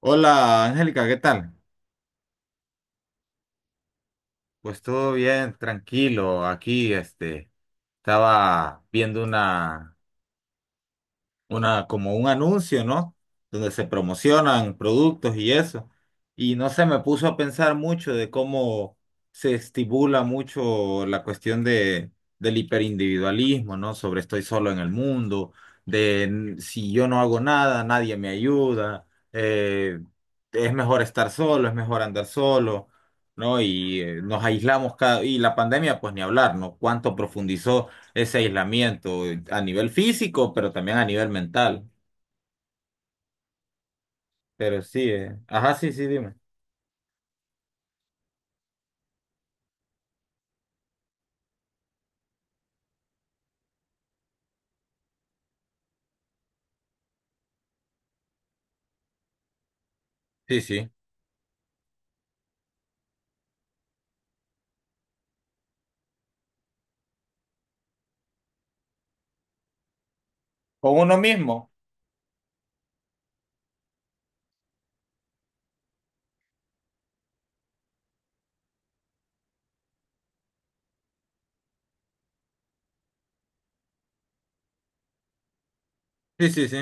Hola, Angélica, ¿qué tal? Pues todo bien, tranquilo. Aquí, estaba viendo como un anuncio, ¿no? Donde se promocionan productos y eso. Y no sé, me puso a pensar mucho de cómo se estimula mucho la cuestión del hiperindividualismo, ¿no? Sobre estoy solo en el mundo, si yo no hago nada, nadie me ayuda, eh, es mejor estar solo, es mejor andar solo. ¿No? Y nos aislamos cada... Y la pandemia, pues ni hablar, ¿no? Cuánto profundizó ese aislamiento a nivel físico, pero también a nivel mental. Pero sí, ajá, sí, sí, dime. Sí, sí. Con uno mismo. Sí, sí, sí,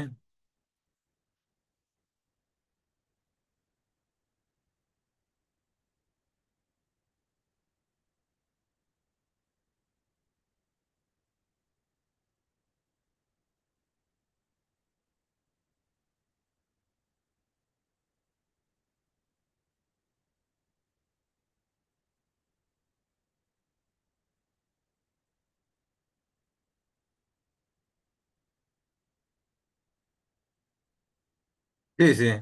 sí, sí,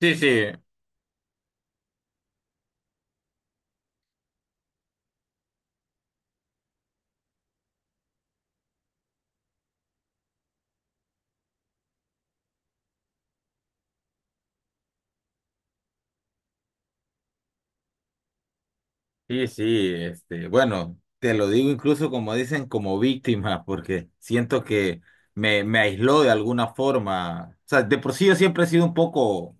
sí, sí, sí, sí, bueno, te lo digo incluso como dicen, como víctima, porque siento que me aisló de alguna forma, o sea, de por sí yo siempre he sido un poco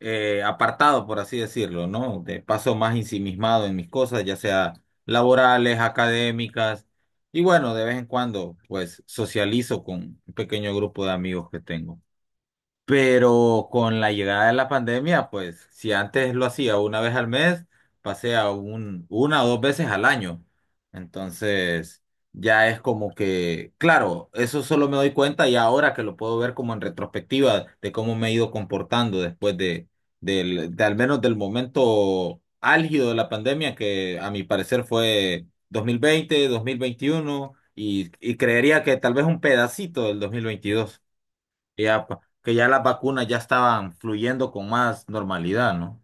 apartado, por así decirlo, ¿no? De paso más ensimismado en mis cosas, ya sea laborales, académicas, y bueno, de vez en cuando, pues socializo con un pequeño grupo de amigos que tengo. Pero con la llegada de la pandemia, pues si antes lo hacía una vez al mes, pasé a una o dos veces al año. Entonces, ya es como que, claro, eso solo me doy cuenta y ahora que lo puedo ver como en retrospectiva de cómo me he ido comportando de al menos del momento álgido de la pandemia, que a mi parecer fue 2020, 2021 y creería que tal vez un pedacito del 2022. Ya, pa- que ya las vacunas ya estaban fluyendo con más normalidad, ¿no?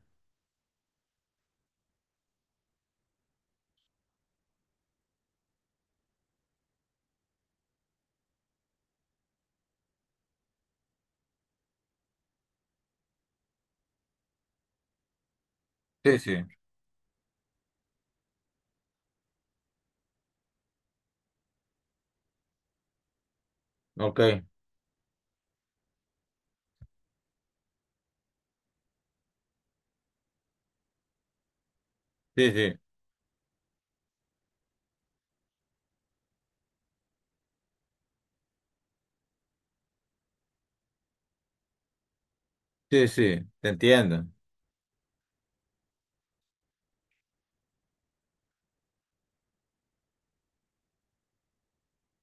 Sí, sí, ok, sí, sí, sí, sí, te entiendo.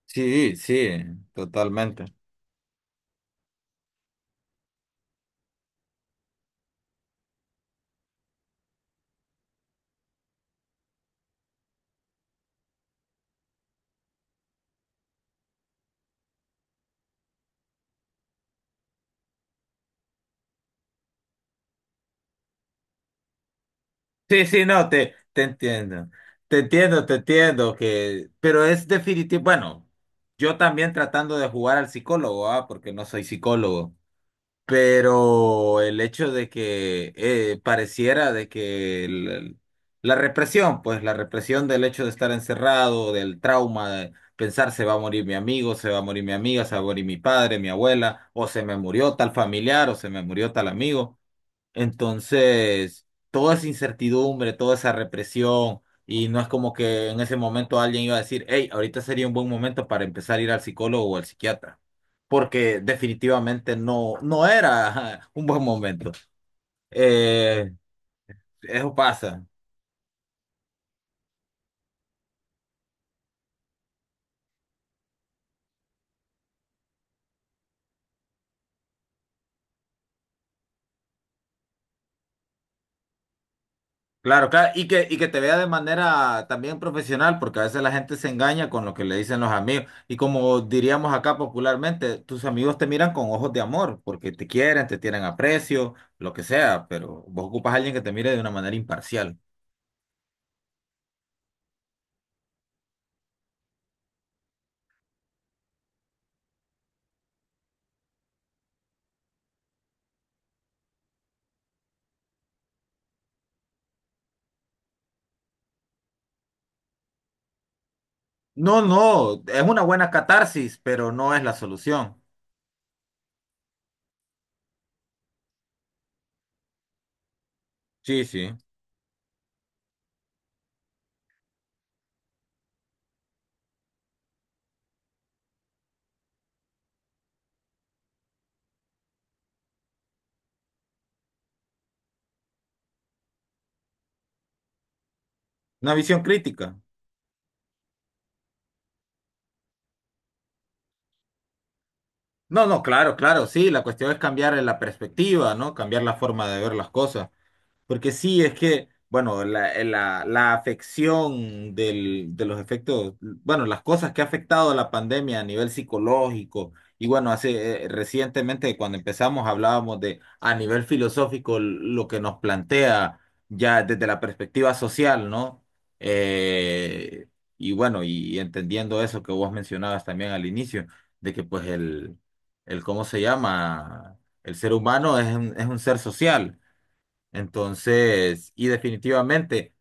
Sí, sí, totalmente. Sí, sí, no, te entiendo. Te entiendo, te entiendo que, pero es definitivo, bueno, yo también tratando de jugar al psicólogo, ah, porque no soy psicólogo. Pero el hecho de que pareciera de que la represión, pues la represión del hecho de estar encerrado, del trauma, de pensar se va a morir mi amigo, se va a morir mi amiga, se va a morir mi padre, mi abuela, o se me murió tal familiar, o se me murió tal amigo. Entonces, toda esa incertidumbre, toda esa represión, y no es como que en ese momento alguien iba a decir, hey, ahorita sería un buen momento para empezar a ir al psicólogo o al psiquiatra, porque definitivamente no, no era ajá, un buen momento. Eh, eso pasa. Claro, claro, y que te vea de manera también profesional, porque a veces la gente se engaña con lo que le dicen los amigos. Y como diríamos acá popularmente, tus amigos te miran con ojos de amor, porque te quieren, te tienen aprecio, lo que sea, pero vos ocupas a alguien que te mire de una manera imparcial. No, no, es una buena catarsis, pero no es la solución. Sí, sí. Una visión crítica. No, no, claro, claro, sí, la cuestión es cambiar la perspectiva, ¿no? Cambiar la forma de ver las cosas. Porque sí, es que, bueno, la afección de los efectos, bueno, las cosas que ha afectado la pandemia a nivel psicológico, y bueno, hace recientemente cuando empezamos hablábamos de a nivel filosófico lo que nos plantea ya desde la perspectiva social, ¿no? Eh, y bueno, y entendiendo eso que vos mencionabas también al inicio, de que pues el ¿cómo se llama? El ser humano es un ser social. Entonces, y definitivamente,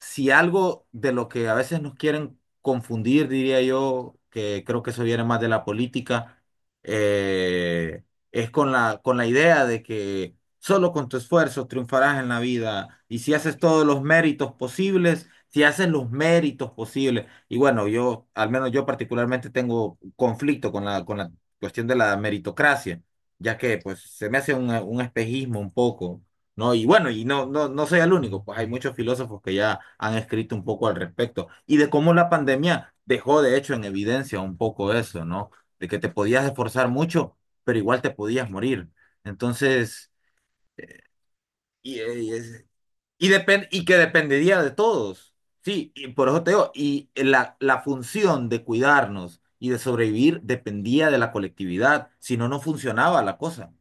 si algo de lo que a veces nos quieren confundir, diría yo, que creo que eso viene más de la política, eh, es con con la idea de que solo con tu esfuerzo triunfarás en la vida y si haces todos los méritos posibles, si haces los méritos posibles. Y bueno, yo, al menos yo particularmente tengo conflicto con con la cuestión de la meritocracia, ya que pues se me hace un espejismo un poco. ¿No? Y bueno, y no, no, no soy el único, pues hay muchos filósofos que ya han escrito un poco al respecto y de cómo la pandemia dejó de hecho en evidencia un poco eso, ¿no? De que te podías esforzar mucho, pero igual te podías morir. Entonces, eh, y, eh, y, es- y que dependería de todos. Sí, y por eso te digo, y la función de cuidarnos y de sobrevivir dependía de la colectividad, si no, no funcionaba la cosa.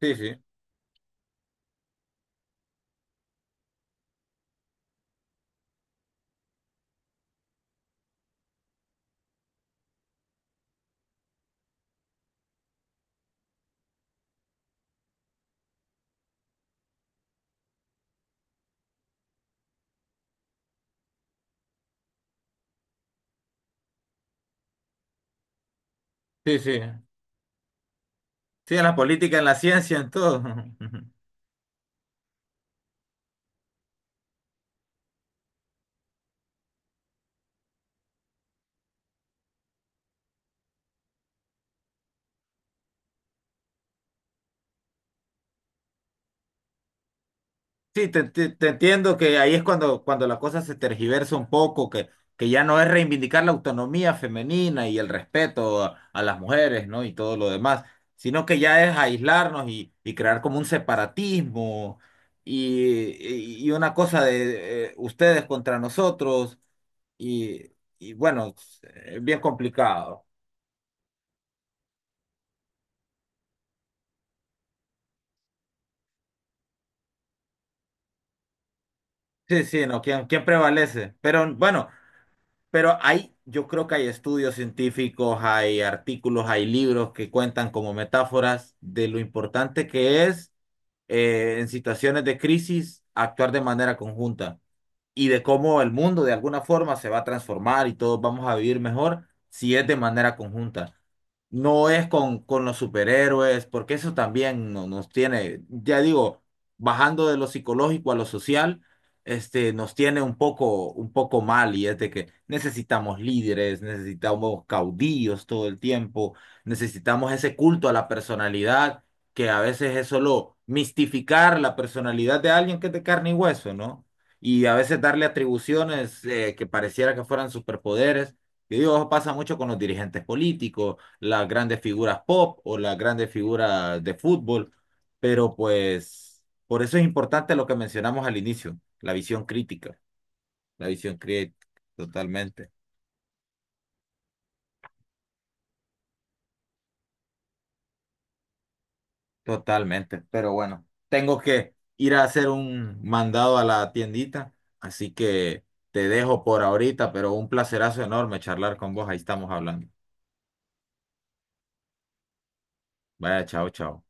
Sí, sí, sí, sí. Sí, en la política, en la ciencia, en todo. Sí, te, te entiendo que ahí es cuando, cuando la cosa se tergiversa un poco, que ya no es reivindicar la autonomía femenina y el respeto a las mujeres, ¿no? Y todo lo demás, sino que ya es aislarnos y crear como un separatismo y una cosa de ustedes contra nosotros y, y bueno, es, bien complicado. Sí, sí, ¿no? ¿Quién, quién prevalece? Pero bueno. Pero hay, yo creo que hay estudios científicos, hay artículos, hay libros que cuentan como metáforas de lo importante que es en situaciones de crisis actuar de manera conjunta y de cómo el mundo de alguna forma se va a transformar y todos vamos a vivir mejor si es de manera conjunta. No es con los superhéroes, porque eso también nos tiene, ya digo, bajando de lo psicológico a lo social, nos tiene un poco mal y es de que necesitamos líderes, necesitamos caudillos todo el tiempo, necesitamos ese culto a la personalidad, que a veces es solo mistificar la personalidad de alguien que es de carne y hueso, ¿no? Y a veces darle atribuciones que pareciera que fueran superpoderes. Y digo, eso pasa mucho con los dirigentes políticos las grandes figuras pop o las grandes figuras de fútbol, pero pues por eso es importante lo que mencionamos al inicio, la visión crítica, totalmente, totalmente, pero bueno, tengo que ir a hacer un mandado a la tiendita, así que te dejo por ahorita, pero un placerazo enorme charlar con vos, ahí estamos hablando. Vaya, chao, chao.